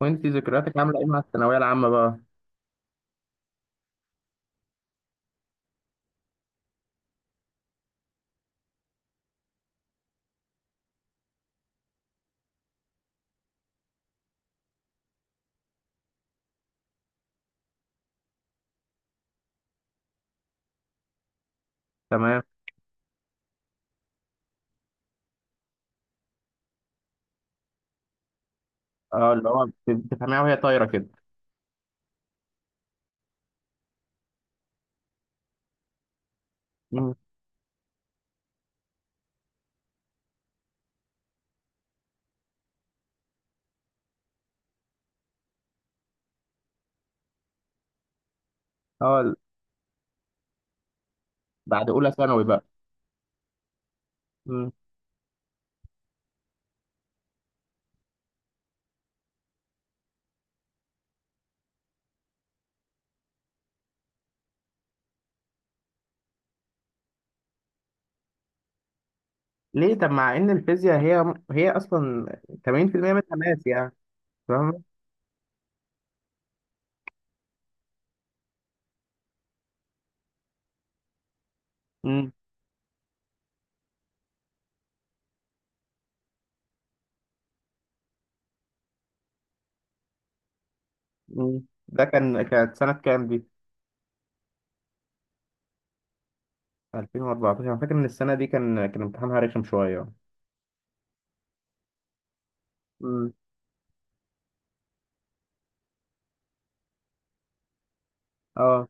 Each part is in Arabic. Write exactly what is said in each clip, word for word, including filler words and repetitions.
وانت ذكرياتك عامله ايه مع الثانويه العامه بقى؟ تمام. اه، اللي هو بت- بتفهميها وهي طايره كده. مم. اه ال- بعد اولى ثانوي بقى. مم. ليه؟ طب مع ان الفيزياء هي هي اصلا تمانين في المية منها ماس يعني، فاهم؟ مم. مم. ده كان، كانت سنه كام دي؟ الفين واربعة عشر. انا فاكر ان السنه دي كان كان امتحانها رخم شويه. مم. اه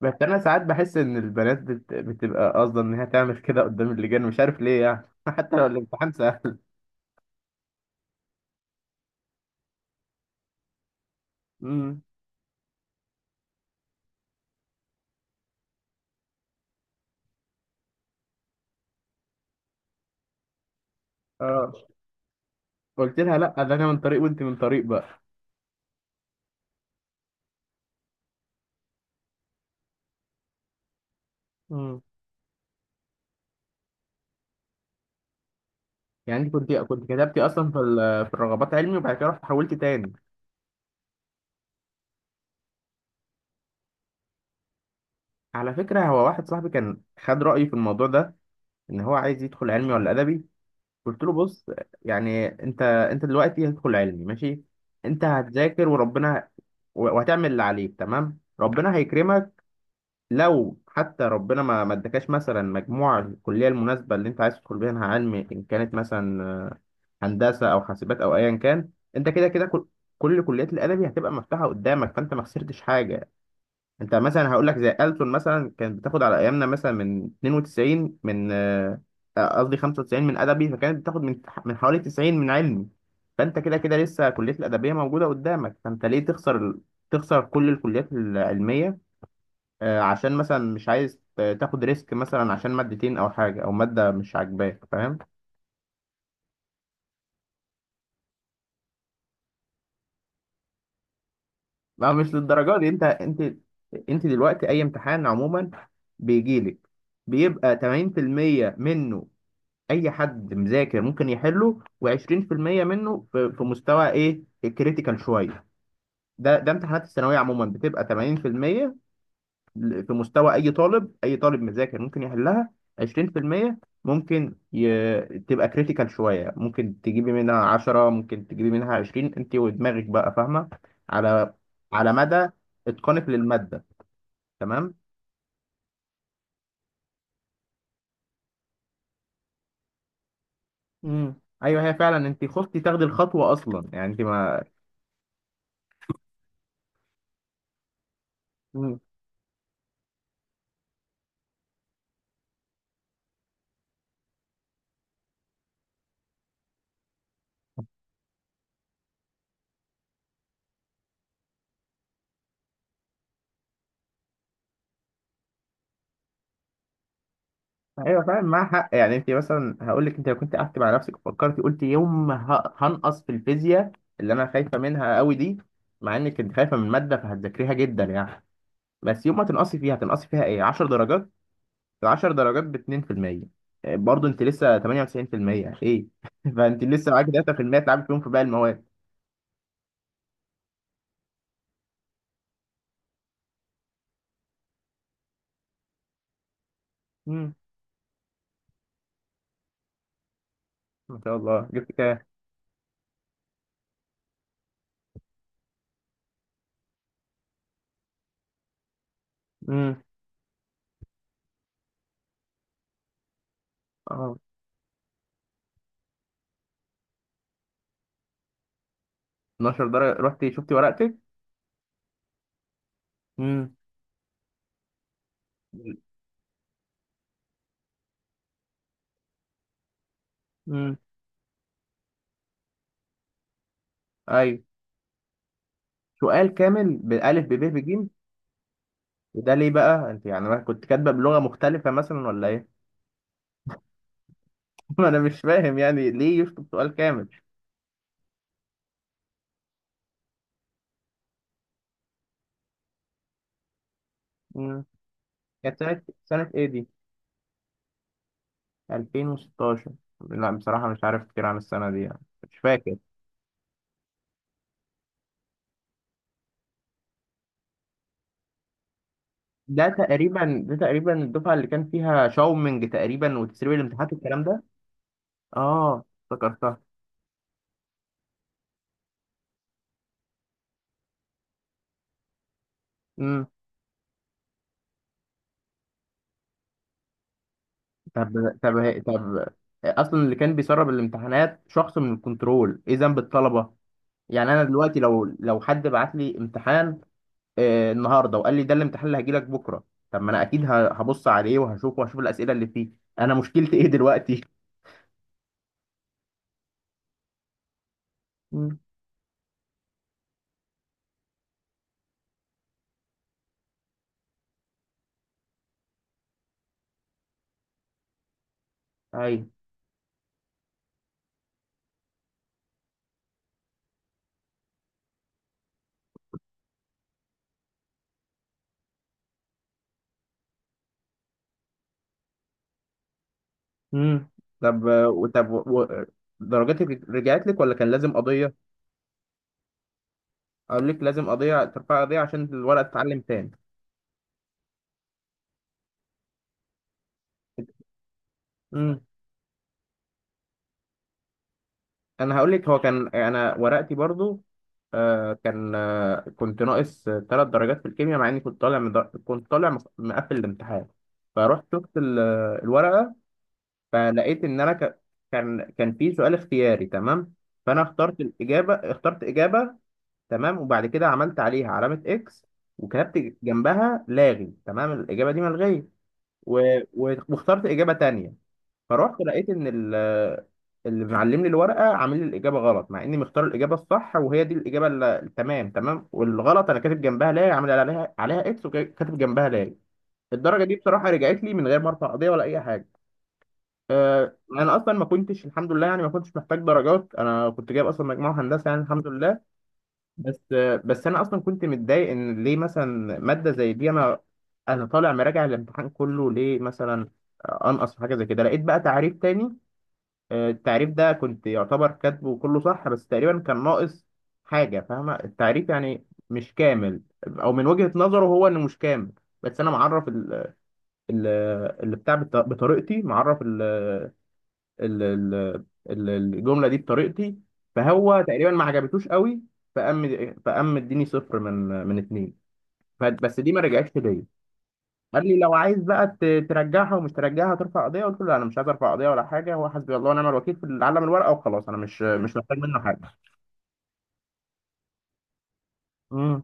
بس انا ساعات بحس ان البنات بت... بتبقى قاصده ان هي تعمل كده قدام اللجان، مش عارف ليه يعني حتى لو الامتحان سهل. مم. اه قلت لها لا، ده انا من طريق وانت من طريق بقى. امم. يعني انت كنت كنت كتبتي اصلا في ال- في الرغبات علمي، وبعد كده رحت حولت تاني؟ على فكره، هو واحد صاحبي كان خد رايي في الموضوع ده، ان هو عايز يدخل علمي ولا ادبي. قلت له بص، يعني انت انت دلوقتي هتدخل علمي، ماشي، انت هتذاكر وربنا، و- وهتعمل اللي عليك، تمام، ربنا هيكرمك. لو حتى ربنا ما ما ادكاش مثلا مجموع الكليه المناسبه اللي انت عايز تدخل بيها علمي، ان كانت مثلا هندسه او حاسبات او ايا كان، انت كده كده كل كل كليات الادبي هتبقى مفتوحه قدامك، فانت ما خسرتش حاجه. انت مثلا هقول لك زي ألسن مثلا، كانت بتاخد على ايامنا مثلا من تنين وتسعين، من، آه، قصدي خمسة وتسعين، من ادبي، فكانت بتاخد من من حوالي تسعين من علمي. فانت كده كده لسه كليه الادبيه موجوده قدامك، فانت ليه تخسر ال- تخسر كل الكليات العلميه؟ آه، عشان مثلا مش عايز ت- تاخد ريسك مثلا عشان مادتين او حاجه او ماده مش عاجباك، فاهم؟ ما هو مش للدرجه دي، انت انت انت دلوقتي اي امتحان عموما بيجي لك، بيبقى تمانين في المية منه اي حد مذاكر ممكن يحله، و20% منه في في مستوى ايه، الكريتيكال شويه. ده ده امتحانات الثانويه عموما بتبقى تمانين في المية في مستوى اي طالب، اي طالب مذاكر ممكن يحلها، عشرين في المية ممكن ي... تبقى كريتيكال شويه، ممكن تجيبي منها عشرة، ممكن تجيبي منها عشرين، انت ودماغك بقى فاهمه، على على مدى اتقانك للماده، تمام. امم. ايوه، هي فعلا انت خفتي تاخدي الخطوه اصلا يعني، انت ما. امم. ايوه، فعلا معاها حق يعني. انت مثلا هقول لك، انت لو كنت قعدت مع نفسك وفكرتي، قلت يوم ما ه- هنقص في الفيزياء اللي انا خايفه منها قوي دي، مع انك كنت خايفه من الماده فهتذاكريها جدا يعني، بس يوم ما تنقصي فيها هتنقصي فيها ايه، 10 درجات، ال 10 درجات ب اتنين في المية، آه، برضه انت لسه تمانية وتسعين في المية، ايه فانت لسه معاكي تلاتة في المية تلعبي فيهم في باقي المواد. امم. ما شاء الله، جبت كام؟ امم. اه. 12 درجة؟ رحتي شفتي ورقتك؟ امم. امم. ايوه. سؤال كامل، بألف بب بج؟ وده ليه بقى؟ انت يعني أنا كنت كاتبه بلغة مختلفة مثلا ولا ايه؟ ما انا مش فاهم يعني ليه يشطب سؤال كامل. امم. كانت سنة، سنة ايه دي؟ الفين وستاشر؟ لا بصراحة مش عارف كتير عن السنة دي يعني، مش فاكر. ده تقريبا، ده تقريبا الدفعة اللي كان فيها شاومينج تقريبا، وتسريب الامتحانات والكلام ده. اه، افتكرتها. امم. طب، طب، طب، اصلا اللي كان بيسرب الامتحانات شخص من الكنترول، ايه ذنب الطلبة؟ يعني انا دلوقتي لو لو حد بعت لي امتحان آه النهارده وقال لي ده الامتحان اللي هيجي لك بكره، طب ما انا اكيد ه- هبص عليه وهشوفه وهشوف الاسئله اللي فيه، انا مشكلتي ايه دلوقتي؟ امم. امم. طب و- طب و- و- درجاتك رجعت لك ولا كان لازم قضيه؟ اقول لك لازم قضيه، ترفع قضيه عشان الورقه تتعلم تاني. امم. انا هقول لك، هو كان انا ورقتي برضو آه كان، آه، كنت ناقص ثلاث درجات في الكيمياء، مع اني كنت طالع من در... كنت طالع مص- مقفل الامتحان. فروحت شفت ال- الورقه، فلقيت ان انا ك... كان، كان في سؤال اختياري، تمام، فانا اخترت الاجابه، اخترت اجابه، تمام، وبعد كده عملت عليها علامة اكس وكتبت جنبها لاغي، تمام، الإجابة دي ملغية، و... و... واخترت إجابة تانية. فروحت لقيت إن ال... اللي معلم لي الورقة عامل لي الإجابة غلط، مع إني مختار الإجابة الصح، وهي دي الإجابة ال- التمام، تمام، والغلط أنا كاتب جنبها لاغي، عامل عليها عليها اكس وكاتب جنبها لاغي. الدرجة دي بصراحة رجعت لي من غير ما أرفع قضية ولا أي حاجة. أه... أنا أصلا ما كنتش، الحمد لله يعني، ما كنتش محتاج درجات، أنا كنت جايب أصلا مجموع هندسة يعني، الحمد لله. بس، بس انا اصلا كنت متضايق، ان ليه مثلا ماده زي دي انا، انا طالع مراجع الامتحان كله، ليه مثلا انقص في حاجه زي كده؟ لقيت بقى تعريف تاني، آه، التعريف ده كنت يعتبر كاتبه كله صح، بس تقريبا كان ناقص حاجه، فاهمه؟ التعريف يعني مش كامل، او من وجهه نظره هو انه مش كامل، بس انا معرف ال- ال- اللي بتاع بط- بطريقتي، معرف ال- ال- ال- الجمله دي بطريقتي، فهو تقريبا ما عجبتوش قوي، فقام فقام مديني صفر من من اتنين. ف- بس دي ما رجعتش ليا. قال لي لو عايز بقى ت- ترجعها ومش ترجعها ترفع قضيه، قلت له لا، انا مش عايز ارفع قضيه ولا حاجه، هو حسبي الله ونعم الوكيل في العالم، الورقه وخلاص، انا مش مش محتاج منه حاجه. امم.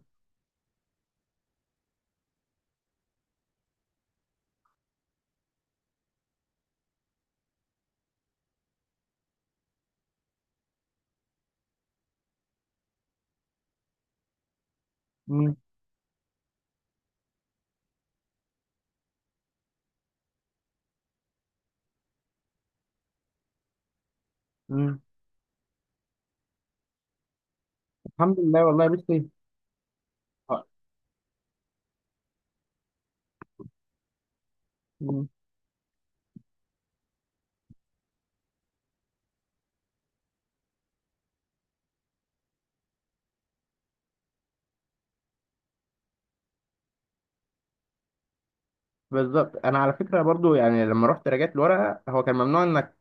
امم. امم. الحمد لله والله يا بنتي. آه. بالظبط، انا على فكره برضو يعني لما رحت راجعت الورقه، هو كان ممنوع انك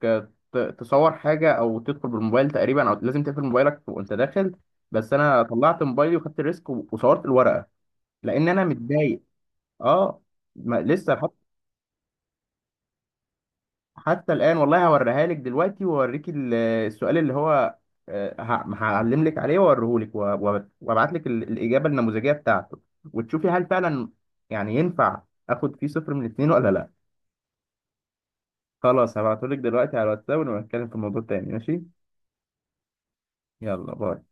ت- تصور حاجه او تدخل بالموبايل تقريبا، او لازم تقفل موبايلك وانت داخل، بس انا طلعت موبايلي وخدت ريسك و- وصورت الورقه، لان انا متضايق. اه، ما لسه حتى، حتى الان والله، هوريها لك دلوقتي واوريك ال- السؤال اللي هو، آه، ه- هعلم لك عليه واوريه لك، وابعت لك ال- الاجابه النموذجيه بتاعته، وتشوفي هل فعلا يعني ينفع اخد فيه صفر من اتنين ولا لا. خلاص، هبعتهولك دلوقتي على الواتساب، ونبقى نتكلم في الموضوع تاني، ماشي؟ يلا باي.